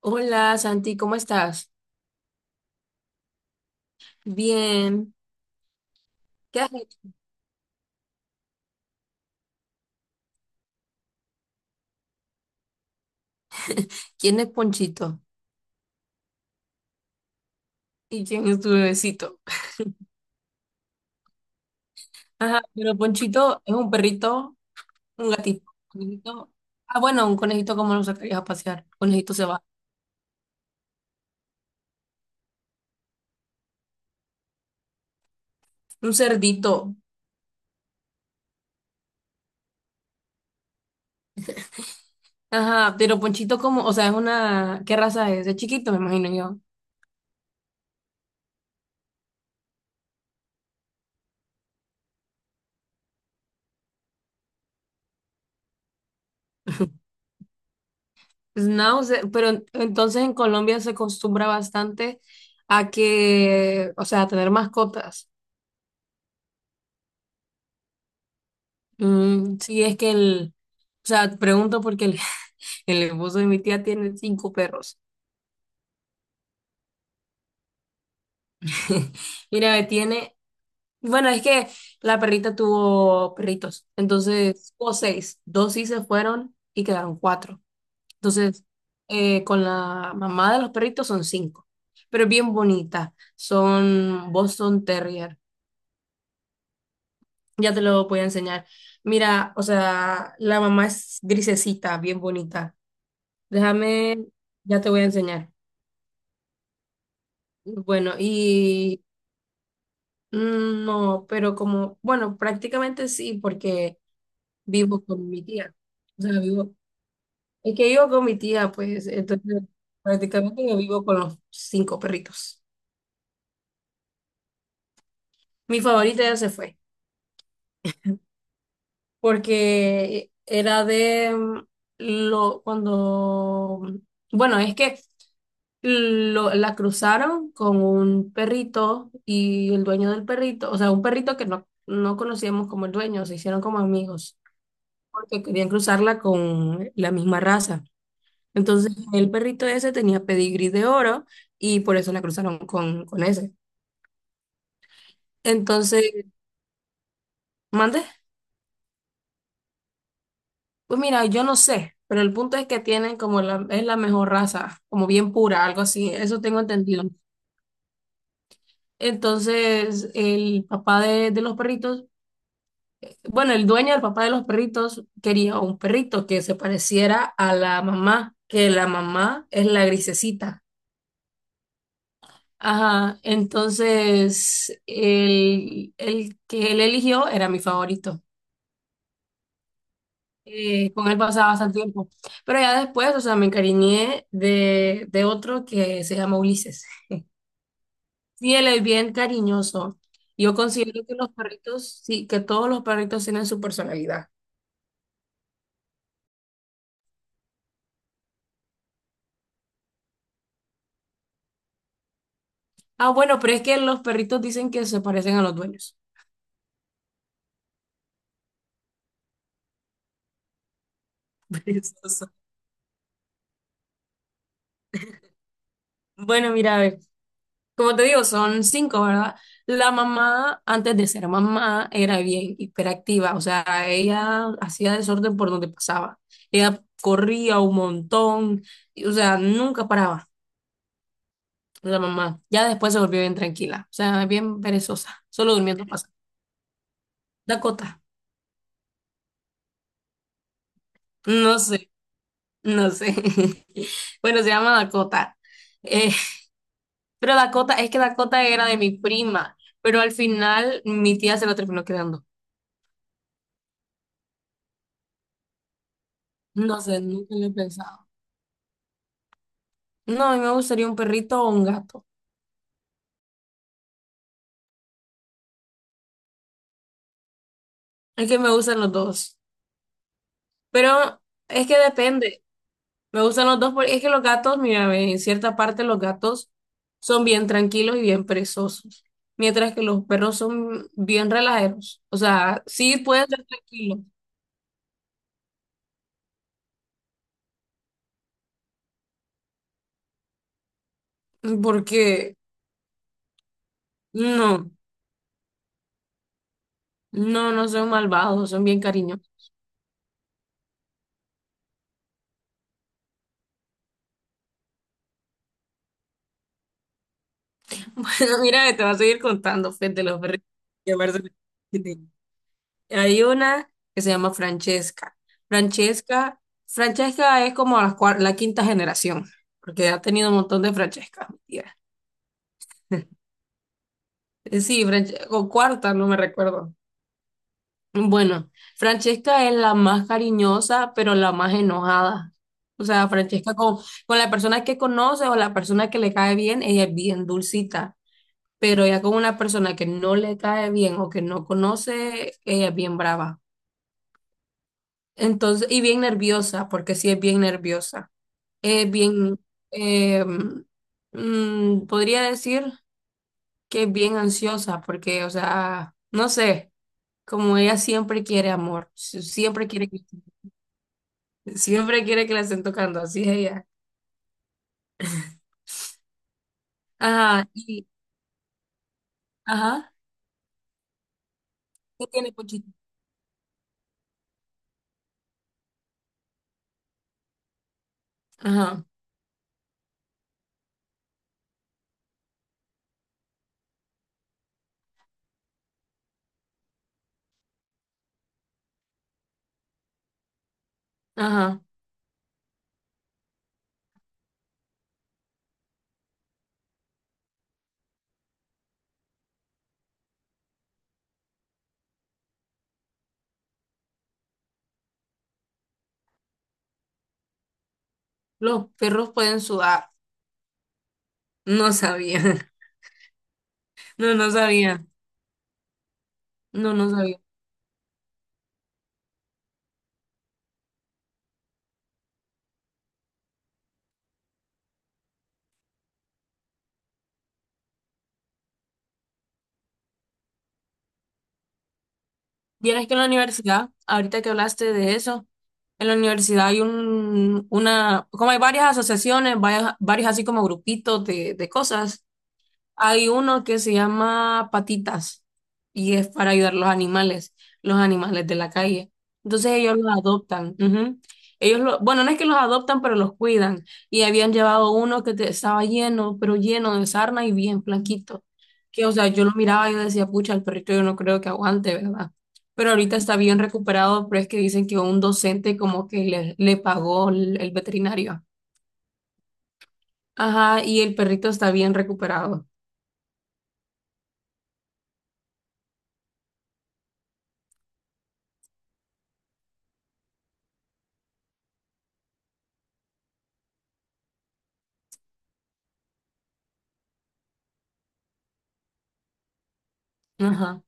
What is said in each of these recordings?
Hola Santi, ¿cómo estás? Bien. ¿Qué has hecho? ¿Quién es Ponchito? ¿Y quién es tu bebecito? Ajá, pero Ponchito es un perrito, un gatito, un conejito. Ah, bueno, un conejito, ¿cómo lo sacarías a pasear? Conejito se va. Un cerdito. Ajá, pero Ponchito, como, o sea, es una. ¿Qué raza es? Es chiquito, me imagino yo. Schnauzer, pero entonces en Colombia se acostumbra bastante a que, o sea, a tener mascotas. Mm, sí, es que o sea, pregunto porque el El esposo de mi tía tiene cinco perros. Mira, tiene. Bueno, es que la perrita tuvo perritos. Entonces, o seis. Dos sí se fueron y quedaron cuatro. Entonces, con la mamá de los perritos son cinco. Pero es bien bonita. Son Boston Terrier. Ya te lo voy a enseñar. Mira, o sea, la mamá es grisecita, bien bonita. Déjame, ya te voy a enseñar. Bueno, mm, no, pero como, bueno, prácticamente sí, porque vivo con mi tía. O sea, es que vivo con mi tía, pues, entonces prácticamente yo vivo con los cinco perritos. Mi favorita ya se fue, porque era de bueno, es que la cruzaron con un perrito y el dueño del perrito, o sea, un perrito que no conocíamos como el dueño, se hicieron como amigos. Porque querían cruzarla con la misma raza. Entonces, el perrito ese tenía pedigrí de oro y por eso la cruzaron con ese. Entonces, ¿mande? Pues mira, yo no sé, pero el punto es que tienen como es la mejor raza, como bien pura, algo así, eso tengo entendido. Entonces, el papá de los perritos, bueno, el dueño del papá de los perritos quería un perrito que se pareciera a la mamá, que la mamá es la grisecita. Ajá, entonces el que él eligió era mi favorito. Con él pasaba bastante tiempo. Pero ya después, o sea, me encariñé de otro que se llama Ulises. Sí, él es bien cariñoso. Yo considero que los perritos, sí, que todos los perritos tienen su personalidad. Ah, bueno, pero es que los perritos dicen que se parecen a los dueños. Perezoso. Bueno, mira, a ver. Como te digo, son cinco, ¿verdad? La mamá, antes de ser mamá, era bien hiperactiva, o sea, ella hacía desorden por donde pasaba. Ella corría un montón, y, o sea, nunca paraba la mamá. Ya después se volvió bien tranquila, o sea, bien perezosa, solo durmiendo pasa. Dakota, no sé, no sé. Bueno, se llama Dakota. Eh, pero Dakota, es que Dakota era de mi prima, pero al final mi tía se lo terminó quedando. No sé, nunca lo he pensado. No, a mí me gustaría un perrito o un gato. Es que me gustan los dos. Pero es que depende. Me gustan los dos porque es que los gatos, mira, ve, en cierta parte los gatos son bien tranquilos y bien perezosos. Mientras que los perros son bien relajeros. O sea, sí pueden ser tranquilos. Porque no, no, no son malvados, son bien cariñosos. Bueno, mira, te voy a seguir contando, Fede, de los perritos. Que me Hay una que se llama Francesca. Francesca, Francesca es como la quinta generación, porque ha tenido un montón de Francescas, mi tía. Sí, o cuarta, no me recuerdo. Bueno, Francesca es la más cariñosa, pero la más enojada. O sea, Francesca con la persona que conoce o la persona que le cae bien, ella es bien dulcita, pero ya con una persona que no le cae bien o que no conoce, ella es bien brava. Entonces, y bien nerviosa, porque sí es bien nerviosa. Es bien, eh, podría decir que es bien ansiosa porque, o sea, no sé, como ella siempre quiere amor, siempre quiere siempre quiere que la estén tocando, así es ella. Ajá, ajá, ¿qué tiene Pochita? Ajá, ajá, ¿los perros pueden sudar? No sabía. No, no sabía. No, no sabía. Vieras que en la universidad, ahorita que hablaste de eso, en la universidad hay como hay varias asociaciones, varios así como grupitos de cosas. Hay uno que se llama Patitas y es para ayudar a los animales de la calle. Entonces ellos los adoptan. Ujú. Ellos lo, bueno, no es que los adoptan, pero los cuidan. Y habían llevado uno que estaba lleno, pero lleno de sarna y bien blanquito. Que, o sea, yo lo miraba y yo decía, pucha, el perrito yo no creo que aguante, ¿verdad? Pero ahorita está bien recuperado, pero es que dicen que un docente como que le pagó el veterinario. Ajá, y el perrito está bien recuperado. Ajá.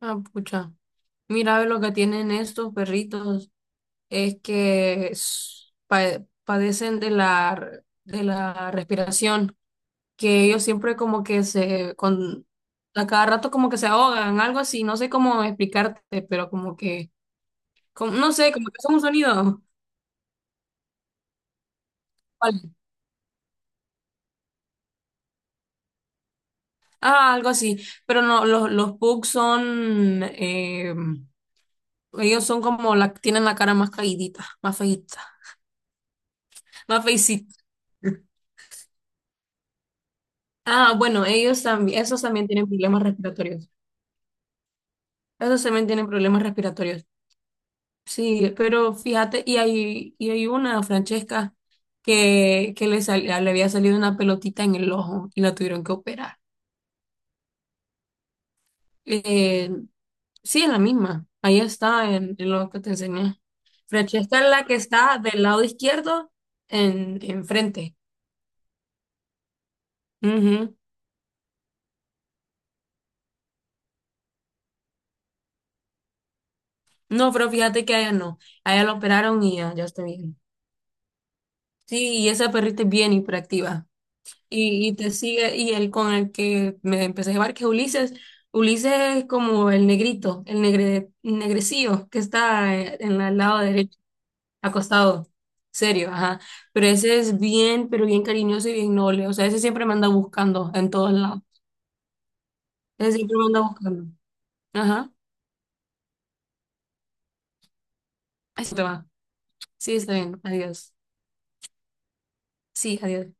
Ah, pucha. Mira, lo que tienen estos perritos es que padecen de la respiración, que ellos siempre como que a cada rato como que se ahogan, algo así, no sé cómo explicarte, pero como que, no sé, como que son un sonido. Vale. Ah, algo así, pero no, los pugs son, ellos son como, la, tienen la cara más caídita, más feíta, más feicita. Ah, bueno, ellos también, esos también tienen problemas respiratorios. Esos también tienen problemas respiratorios. Sí, pero fíjate, y hay una, Francesca, que le había salido una pelotita en el ojo y la tuvieron que operar. Eh, sí, es la misma. Ahí está en lo que te enseñé. Francesca es la que está del lado izquierdo enfrente. Ujú. No, pero fíjate que a ella no. A ella la operaron y ya, ya está bien. Sí, y esa perrita es bien hiperactiva. Y te sigue, y el con el que me empecé a llevar, que es Ulises, Ulises es como el negrito, negrecillo que está en el lado derecho, acostado, serio, ajá, pero ese es bien, pero bien cariñoso y bien noble, o sea, ese siempre me anda buscando en todos lados, ese siempre me anda buscando. Ajá, eso te va, sí, está bien. Adiós, sí, adiós.